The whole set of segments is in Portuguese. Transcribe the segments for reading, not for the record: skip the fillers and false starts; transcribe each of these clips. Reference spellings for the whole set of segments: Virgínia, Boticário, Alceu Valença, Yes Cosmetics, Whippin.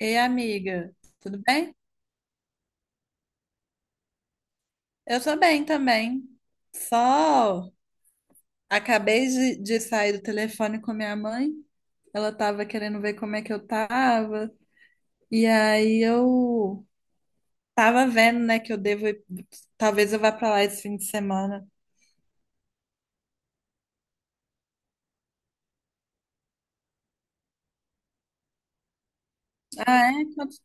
Ei, amiga, tudo bem? Eu tô bem também. Só acabei de sair do telefone com minha mãe. Ela tava querendo ver como é que eu tava. E aí eu tava vendo, né, que eu devo ir, talvez eu vá pra lá esse fim de semana. Ah, é? Quanto-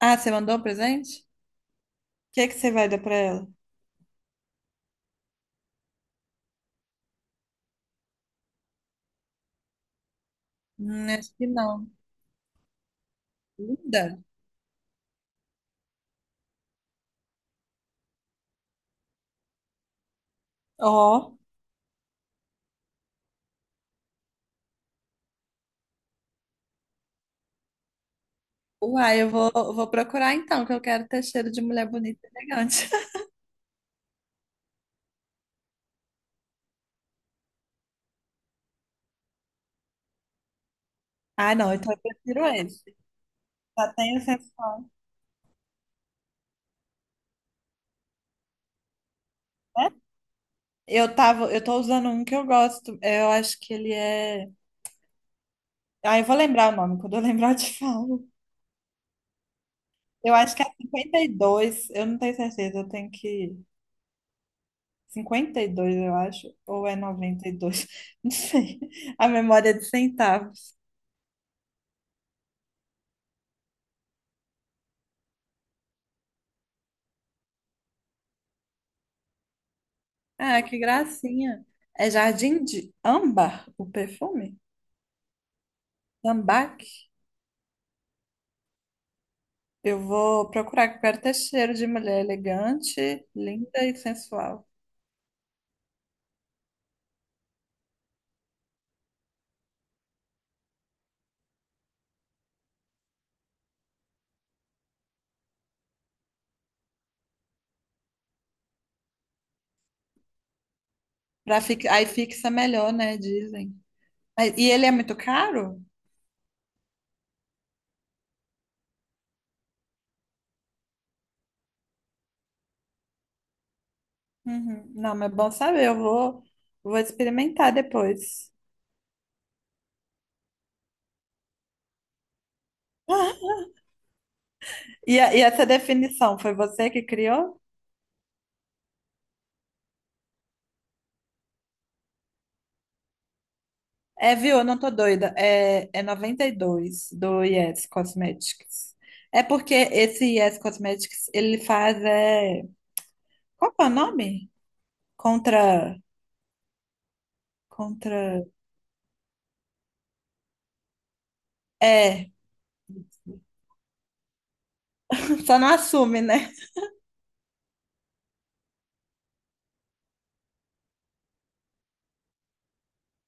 Ah, você mandou o presente? O que que você vai dar pra ela? Acho que não. Linda. Ó. Uai, eu vou procurar então, que eu quero ter cheiro de mulher bonita e elegante. Ah, não, então eu prefiro esse. Já tem o sensor, né? Eu tô usando um que eu gosto. Eu acho que ele é. Ah, eu vou lembrar o nome, quando eu lembrar eu te falo. Eu acho que é cinquenta e dois, eu não tenho certeza, eu tenho que. Cinquenta e dois eu acho, ou é noventa e dois, não sei. A memória é de centavos. Ah, que gracinha. É Jardim de Âmbar, o perfume? Âmbar? Eu vou procurar, que eu quero ter cheiro de mulher elegante, linda e sensual. Pra fi... Aí fixa melhor, né? Dizem. Mas- E ele é muito caro? Uhum. Não, mas é bom saber, eu vou, vou experimentar depois. E, a- e essa definição, foi você que criou? É, viu? Eu não tô doida. É, é 92 do Yes Cosmetics. É porque esse Yes Cosmetics, ele faz, é... Qual que é o nome? Contra... Contra... É, só não assume, né?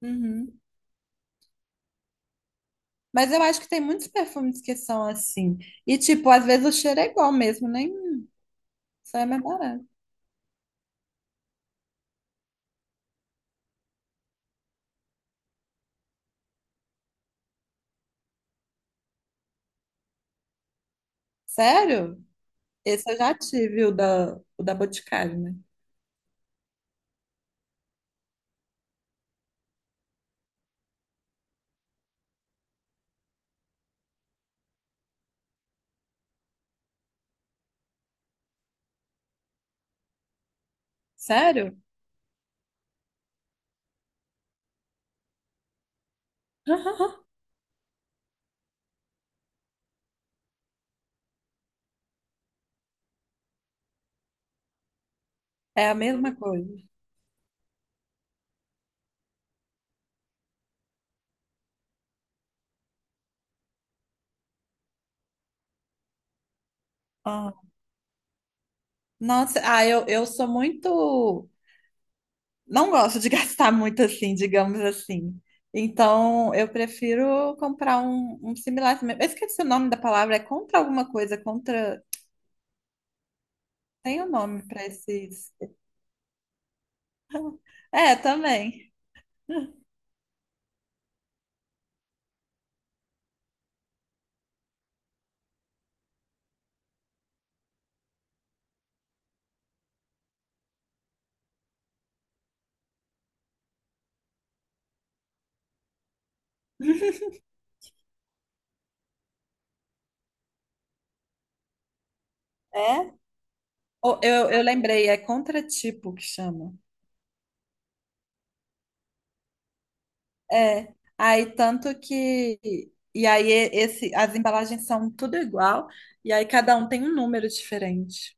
Uhum. Mas eu acho que tem muitos perfumes que são assim. E, tipo, às vezes o cheiro é igual mesmo, né? Isso é mais barato. Sério? Esse eu já tive, o da Boticário, né? Sério? É a mesma coisa. Ah. Nossa, ah, eu sou muito. Não gosto de gastar muito assim, digamos assim. Então, eu prefiro comprar um, um similar também. Eu esqueci o nome da palavra, é contra alguma coisa, contra. Tem o um nome para esses. É, também. É? Ou- Eu lembrei, é contratipo que chama. É, aí tanto que e aí e- esse as embalagens são tudo igual e aí cada um tem um número diferente.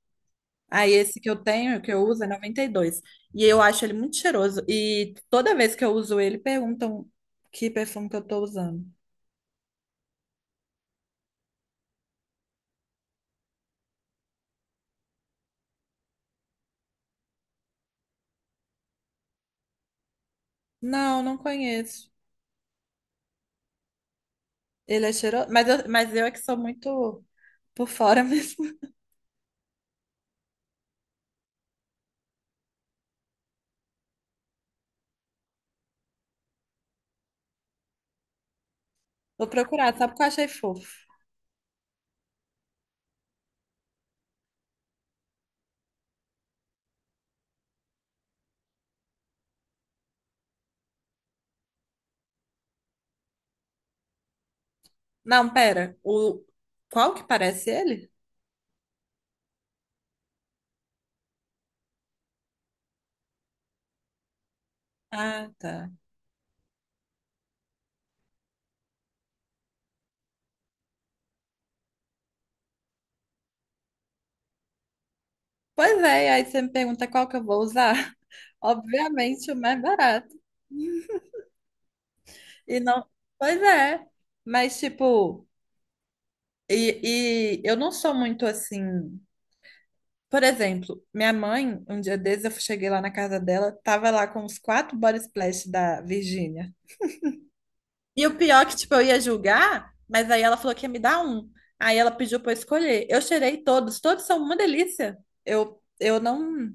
Aí esse que eu tenho, que eu uso é 92. E dois. E eu acho ele muito cheiroso e toda vez que eu uso ele perguntam que perfume que eu tô usando. Não, não conheço. Ele é cheiroso, mas eu é que sou muito por fora mesmo. Vou procurar, sabe o que eu achei fofo? Não, pera. O qual que parece ele? Ah, tá. Pois é, aí você me pergunta qual que eu vou usar. Obviamente o mais barato. E não, pois é, mas tipo, e eu não sou muito assim. Por exemplo, minha mãe, um dia desses eu cheguei lá na casa dela, tava lá com os quatro body splash da Virgínia. E o pior é que, tipo, eu ia julgar, mas aí ela falou que ia me dar um. Aí ela pediu pra eu escolher. Eu cheirei todos, todos são uma delícia. Eu não.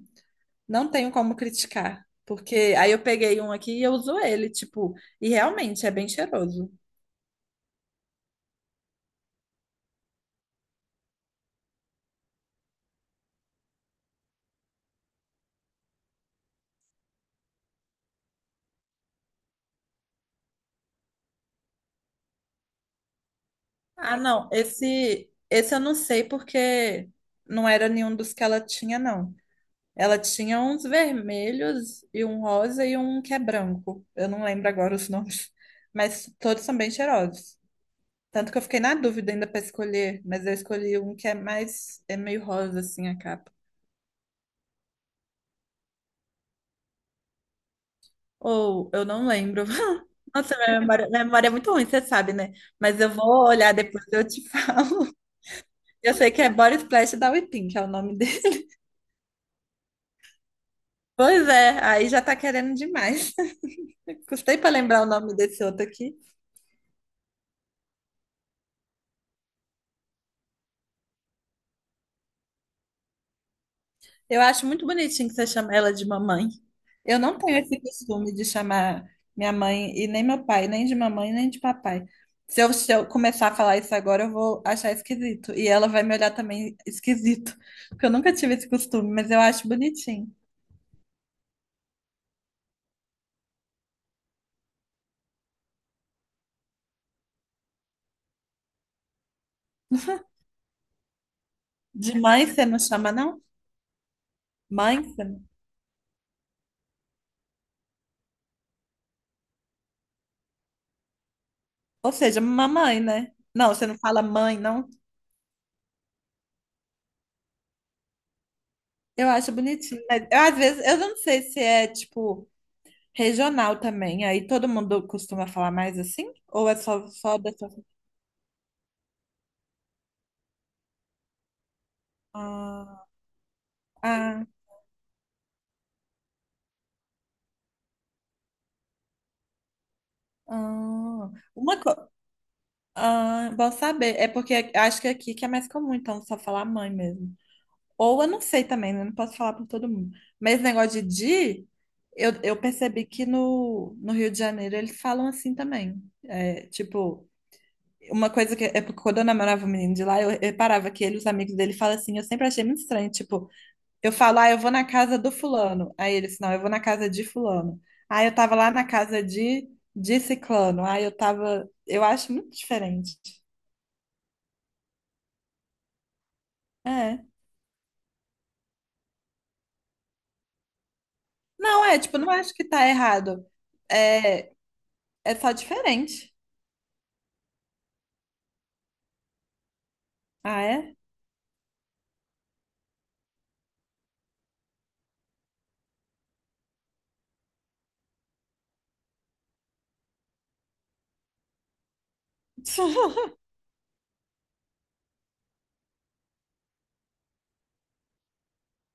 Não tenho como criticar, porque aí eu peguei um aqui e eu uso ele, tipo, e realmente é bem cheiroso. Ah, não, esse eu não sei porque não era nenhum dos que ela tinha, não. Ela tinha uns vermelhos e um rosa e um que é branco. Eu não lembro agora os nomes, mas todos são bem cheirosos. Tanto que eu fiquei na dúvida ainda para escolher, mas eu escolhi um que é mais é meio rosa assim a capa. Ou eu não lembro. Nossa, minha memória é muito ruim, você sabe, né? Mas eu vou olhar depois, eu te falo. Eu sei que é Body Splash da Whippin, que é o nome dele. Pois é, aí já tá querendo demais. Custei pra lembrar o nome desse outro aqui. Eu acho muito bonitinho que você chama ela de mamãe. Eu não tenho esse costume de chamar minha mãe e nem meu pai, nem de mamãe, nem de papai. Se eu começar a falar isso agora, eu vou achar esquisito. E ela vai me olhar também esquisito, porque eu nunca tive esse costume, mas eu acho bonitinho. De mãe você não chama, não? Mãe? Você não... Ou seja, mamãe, né? Não, você não fala mãe, não? Eu acho bonitinho, mas eu, às vezes, eu não sei se é tipo. Regional também, aí todo mundo costuma falar mais assim? Ou é só, só dessa. Ah, ah, ah. Uma co... ah, bom saber, é porque acho que aqui que é mais comum, então só falar mãe mesmo. Ou eu não sei também, né? Não posso falar para todo mundo. Mas esse negócio de di, eu percebi que no Rio de Janeiro eles falam assim também. É, tipo, uma coisa que é porque quando eu namorava um menino de lá, eu reparava que ele, os amigos dele falam assim, eu sempre achei muito estranho, tipo. Eu falo, ah, eu vou na casa do fulano. Aí eles, não, eu vou na casa de fulano. Ah, eu tava lá na casa de ciclano. Ah, eu tava. Eu acho muito diferente. É. Não, é, tipo, não acho que tá errado. É, é só diferente. Ah, é?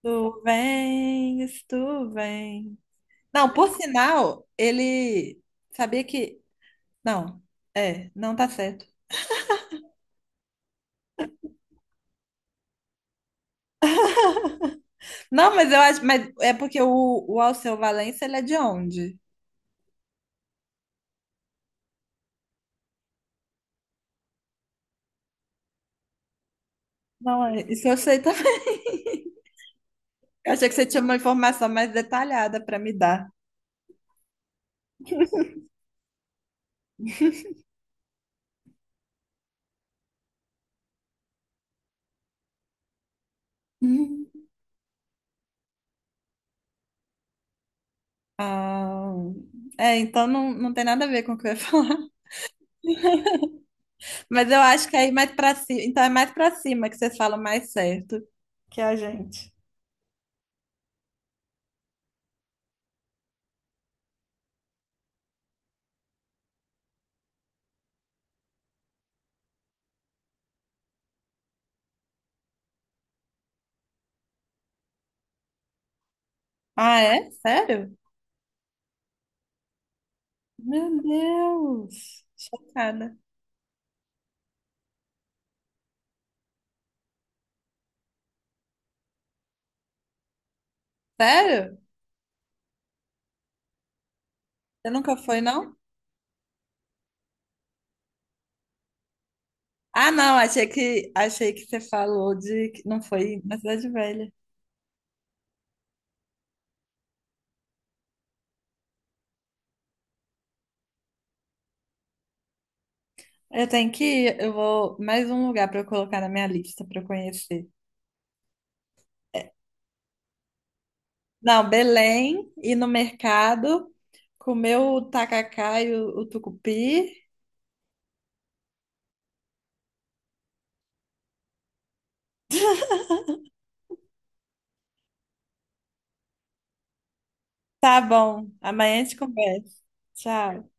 Tu vens, tu vem. Não, por sinal, ele sabia que. Não, é, não tá certo. Não, mas eu acho. Mas é porque o Alceu Valença, ele é de onde? Não, é, isso eu sei também. Eu achei que você tinha uma informação mais detalhada para me dar. Uhum. Ah, é, então não, não tem nada a ver com o que eu ia falar. Mas eu acho que é ir mais para cima. Então é mais para cima que vocês falam mais certo que a gente. Ah, é? Sério? Meu Deus! Chocada. Sério? Você nunca foi, não? Ah, não, achei que você falou de que não foi na Cidade Velha. Eu tenho que ir, eu vou mais um lugar para eu colocar na minha lista para eu conhecer. Não, Belém, ir no mercado, comer o tacacá e o tucupi. Tá bom, amanhã a gente conversa. Tchau.